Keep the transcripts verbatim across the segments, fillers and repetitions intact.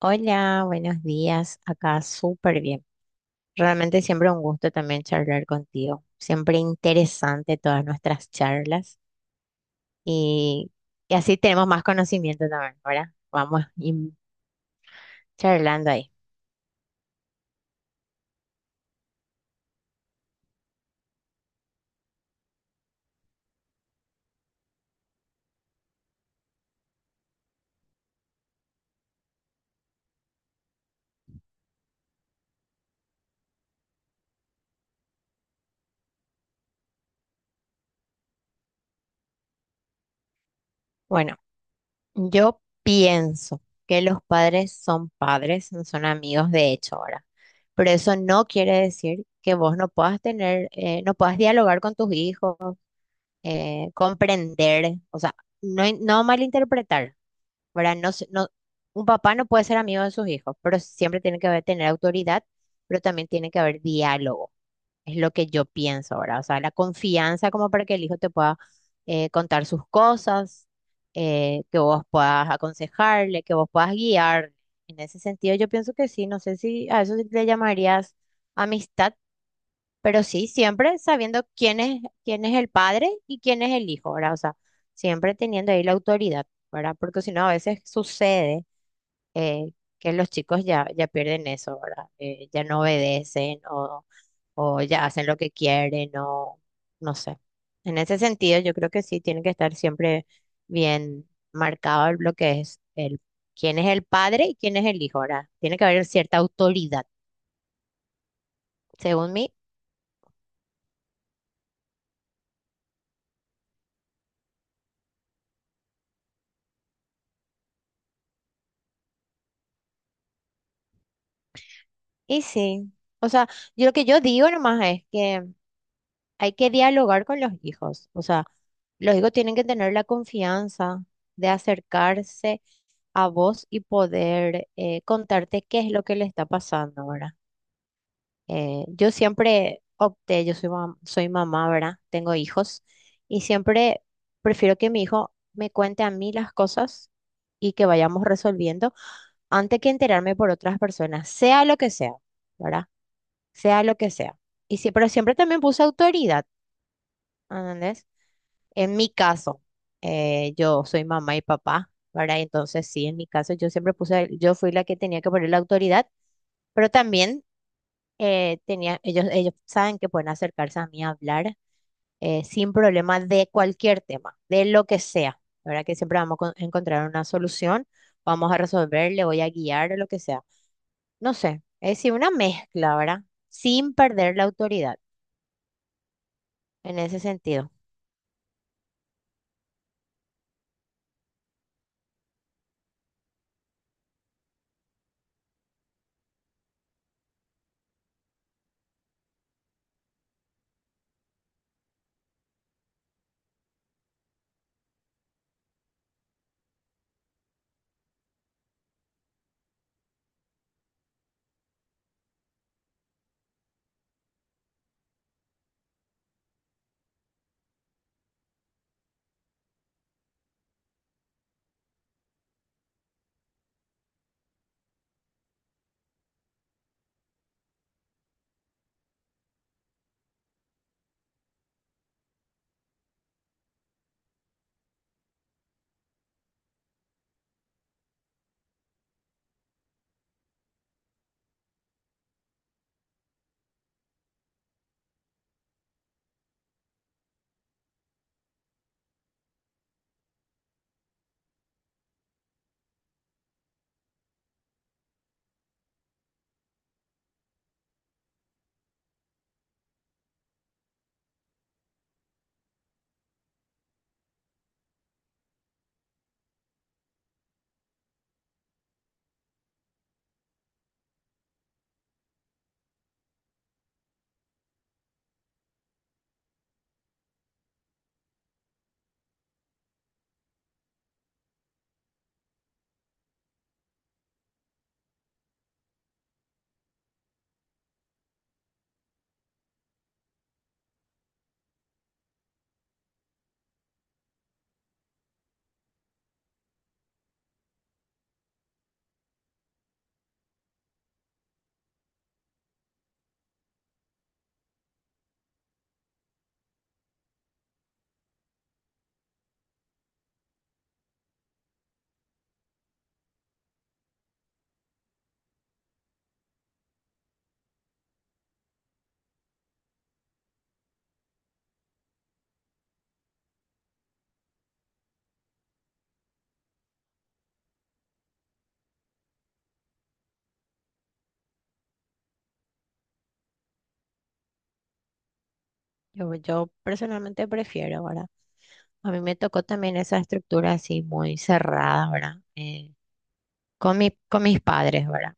Hola, buenos días. Acá súper bien. Realmente siempre un gusto también charlar contigo. Siempre interesante todas nuestras charlas y, y así tenemos más conocimiento también, ¿verdad? Vamos in- charlando ahí. Bueno, yo pienso que los padres son padres, no son amigos de hecho ahora. Pero eso no quiere decir que vos no puedas tener, eh, no puedas dialogar con tus hijos, eh, comprender, o sea, no, no malinterpretar. ¿Verdad? No, se- no, un papá no puede ser amigo de sus hijos, pero siempre tiene que haber, tener autoridad, pero también tiene que haber diálogo. Es lo que yo pienso, ¿verdad? O sea, la confianza como para que el hijo te pueda eh, contar sus cosas, eh, que vos puedas aconsejarle, que vos puedas guiar. En ese sentido, yo pienso que sí, no sé si a eso le llamarías amistad, pero sí, siempre sabiendo quién es, quién es el padre y quién es el hijo, ¿verdad? O sea, siempre teniendo ahí la autoridad, ¿verdad? Porque si no, a veces sucede eh, que los chicos ya, ya pierden eso, ¿verdad? Eh, ya no obedecen o, o ya hacen lo que quieren o no sé. En ese sentido, yo creo que sí tiene que estar siempre bien marcado lo que es el, quién es el padre y quién es el hijo, ¿verdad? Tiene que haber cierta autoridad, según mi. Y sí, o sea, yo lo que yo digo nomás es que hay que dialogar con los hijos, o sea, los hijos tienen que tener la confianza de acercarse a vos y poder eh, contarte qué es lo que le está pasando ahora. Eh, yo siempre opté, yo soy, mam- soy mamá, ¿verdad? Tengo hijos y siempre prefiero que mi hijo me cuente a mí las cosas y que vayamos resolviendo antes que enterarme por otras personas, sea lo que sea, ¿verdad? Sea lo que sea. Y sí, pero siempre también puse autoridad, ¿entendés? En mi caso, eh, yo soy mamá y papá, ¿verdad? Entonces, sí, en mi caso yo siempre puse, yo fui la que tenía que poner la autoridad, pero también eh, tenía, ellos, ellos saben que pueden acercarse a mí a hablar eh, sin problema de cualquier tema, de lo que sea, ¿verdad? Que siempre vamos a con- encontrar una solución, vamos a resolver, le voy a guiar, lo que sea. No sé, es decir, una mezcla, ¿verdad? Sin perder la autoridad en ese sentido. Yo, yo personalmente prefiero, ¿verdad? A mí me tocó también esa estructura así muy cerrada, ¿verdad? Eh, con mi- con mis padres, ¿verdad?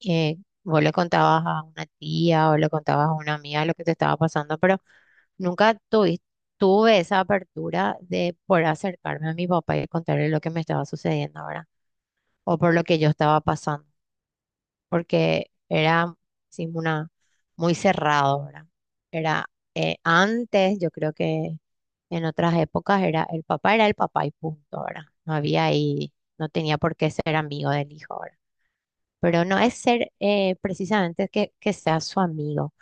Eh, vos le contabas a una tía o le contabas a una amiga lo que te estaba pasando, pero nunca tuvi- tuve esa apertura de poder acercarme a mi papá y contarle lo que me estaba sucediendo, ¿verdad? O por lo que yo estaba pasando. Porque era sí, una, muy cerrado, ¿verdad? Era eh, antes, yo creo que en otras épocas era el papá era el papá y punto, ¿verdad? No había ahí, no tenía por qué ser amigo del hijo, ¿verdad? Pero no es ser eh, precisamente que, que seas su amigo,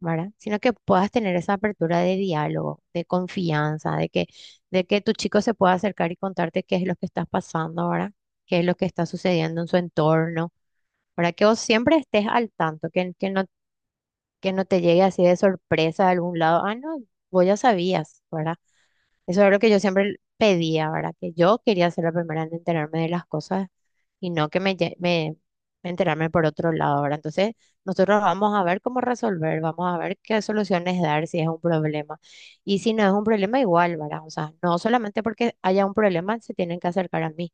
¿verdad? Sino que puedas tener esa apertura de diálogo, de confianza, de que, de que tu chico se pueda acercar y contarte qué es lo que estás pasando, ¿verdad? Qué es lo que está sucediendo en su entorno para que vos siempre estés al tanto, que, que no, que no te llegue así de sorpresa de algún lado. Ah, no, vos ya sabías, ¿verdad? Eso es lo que yo siempre pedía, ¿verdad? Que yo quería ser la primera en enterarme de las cosas y no que me, lle- me me enterarme por otro lado, ¿verdad? Entonces, nosotros vamos a ver cómo resolver, vamos a ver qué soluciones dar si es un problema. Y si no es un problema, igual, ¿verdad? O sea, no solamente porque haya un problema se tienen que acercar a mí,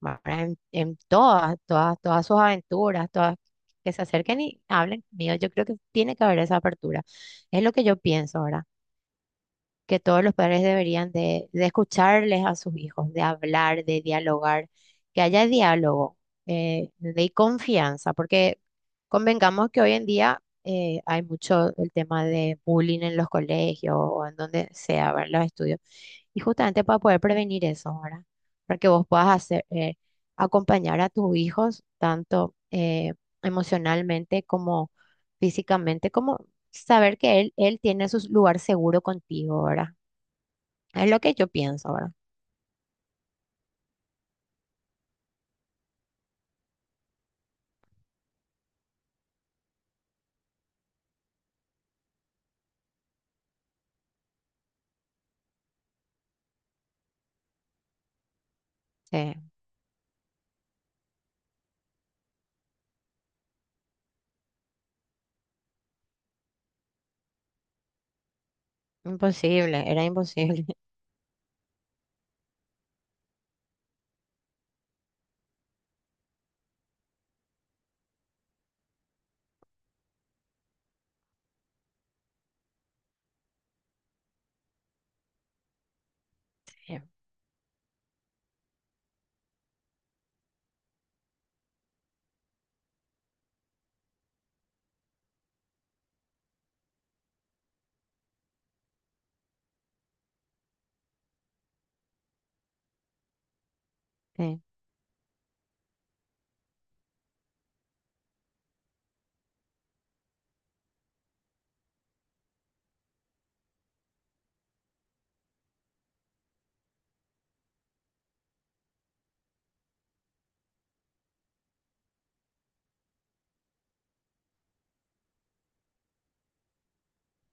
¿verdad? En, en todas, todas, todas sus aventuras, todas que se acerquen y hablen mío, yo creo que tiene que haber esa apertura. Es lo que yo pienso, ¿verdad? Que todos los padres deberían de, de escucharles a sus hijos, de hablar, de dialogar, que haya diálogo, eh, de confianza, porque convengamos que hoy en día eh, hay mucho el tema de bullying en los colegios o en donde sea, ¿verdad? Los estudios. Y justamente para poder prevenir eso, ahora para que vos puedas hacer, eh, acompañar a tus hijos tanto eh, emocionalmente como físicamente, como saber que él, él tiene su lugar seguro contigo, ¿verdad? Es lo que yo pienso, ¿verdad? Sí, imposible, era imposible. Sí, sí,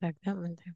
exactamente.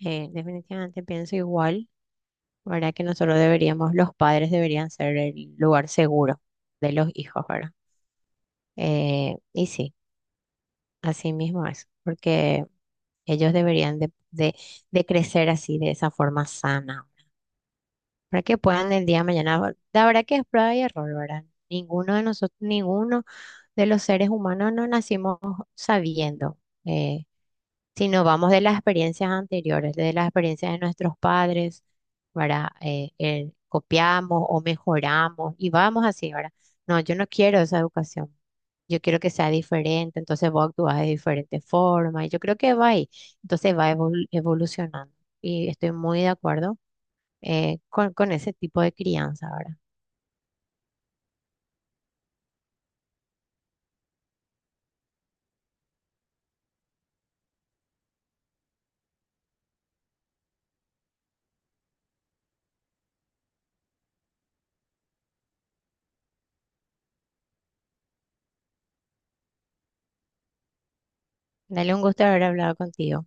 Eh, definitivamente pienso igual, ¿verdad? Que nosotros deberíamos, los padres deberían ser el lugar seguro de los hijos, ¿verdad? Eh, y sí, así mismo es, porque ellos deberían de, de de crecer así, de esa forma sana, para que puedan el día de mañana. La verdad que es prueba y error, ¿verdad? Ninguno de nosotros, ninguno de los seres humanos no nacimos sabiendo, eh, sino vamos de las experiencias anteriores, de las experiencias de nuestros padres, ¿verdad? Eh, eh, copiamos o mejoramos y vamos así, ¿verdad? No, yo no quiero esa educación. Yo quiero que sea diferente, entonces vos actúas de diferente forma y yo creo que va ahí, entonces va evol- evolucionando y estoy muy de acuerdo eh, con, con ese tipo de crianza, ¿verdad? Dale un gusto haber hablado contigo.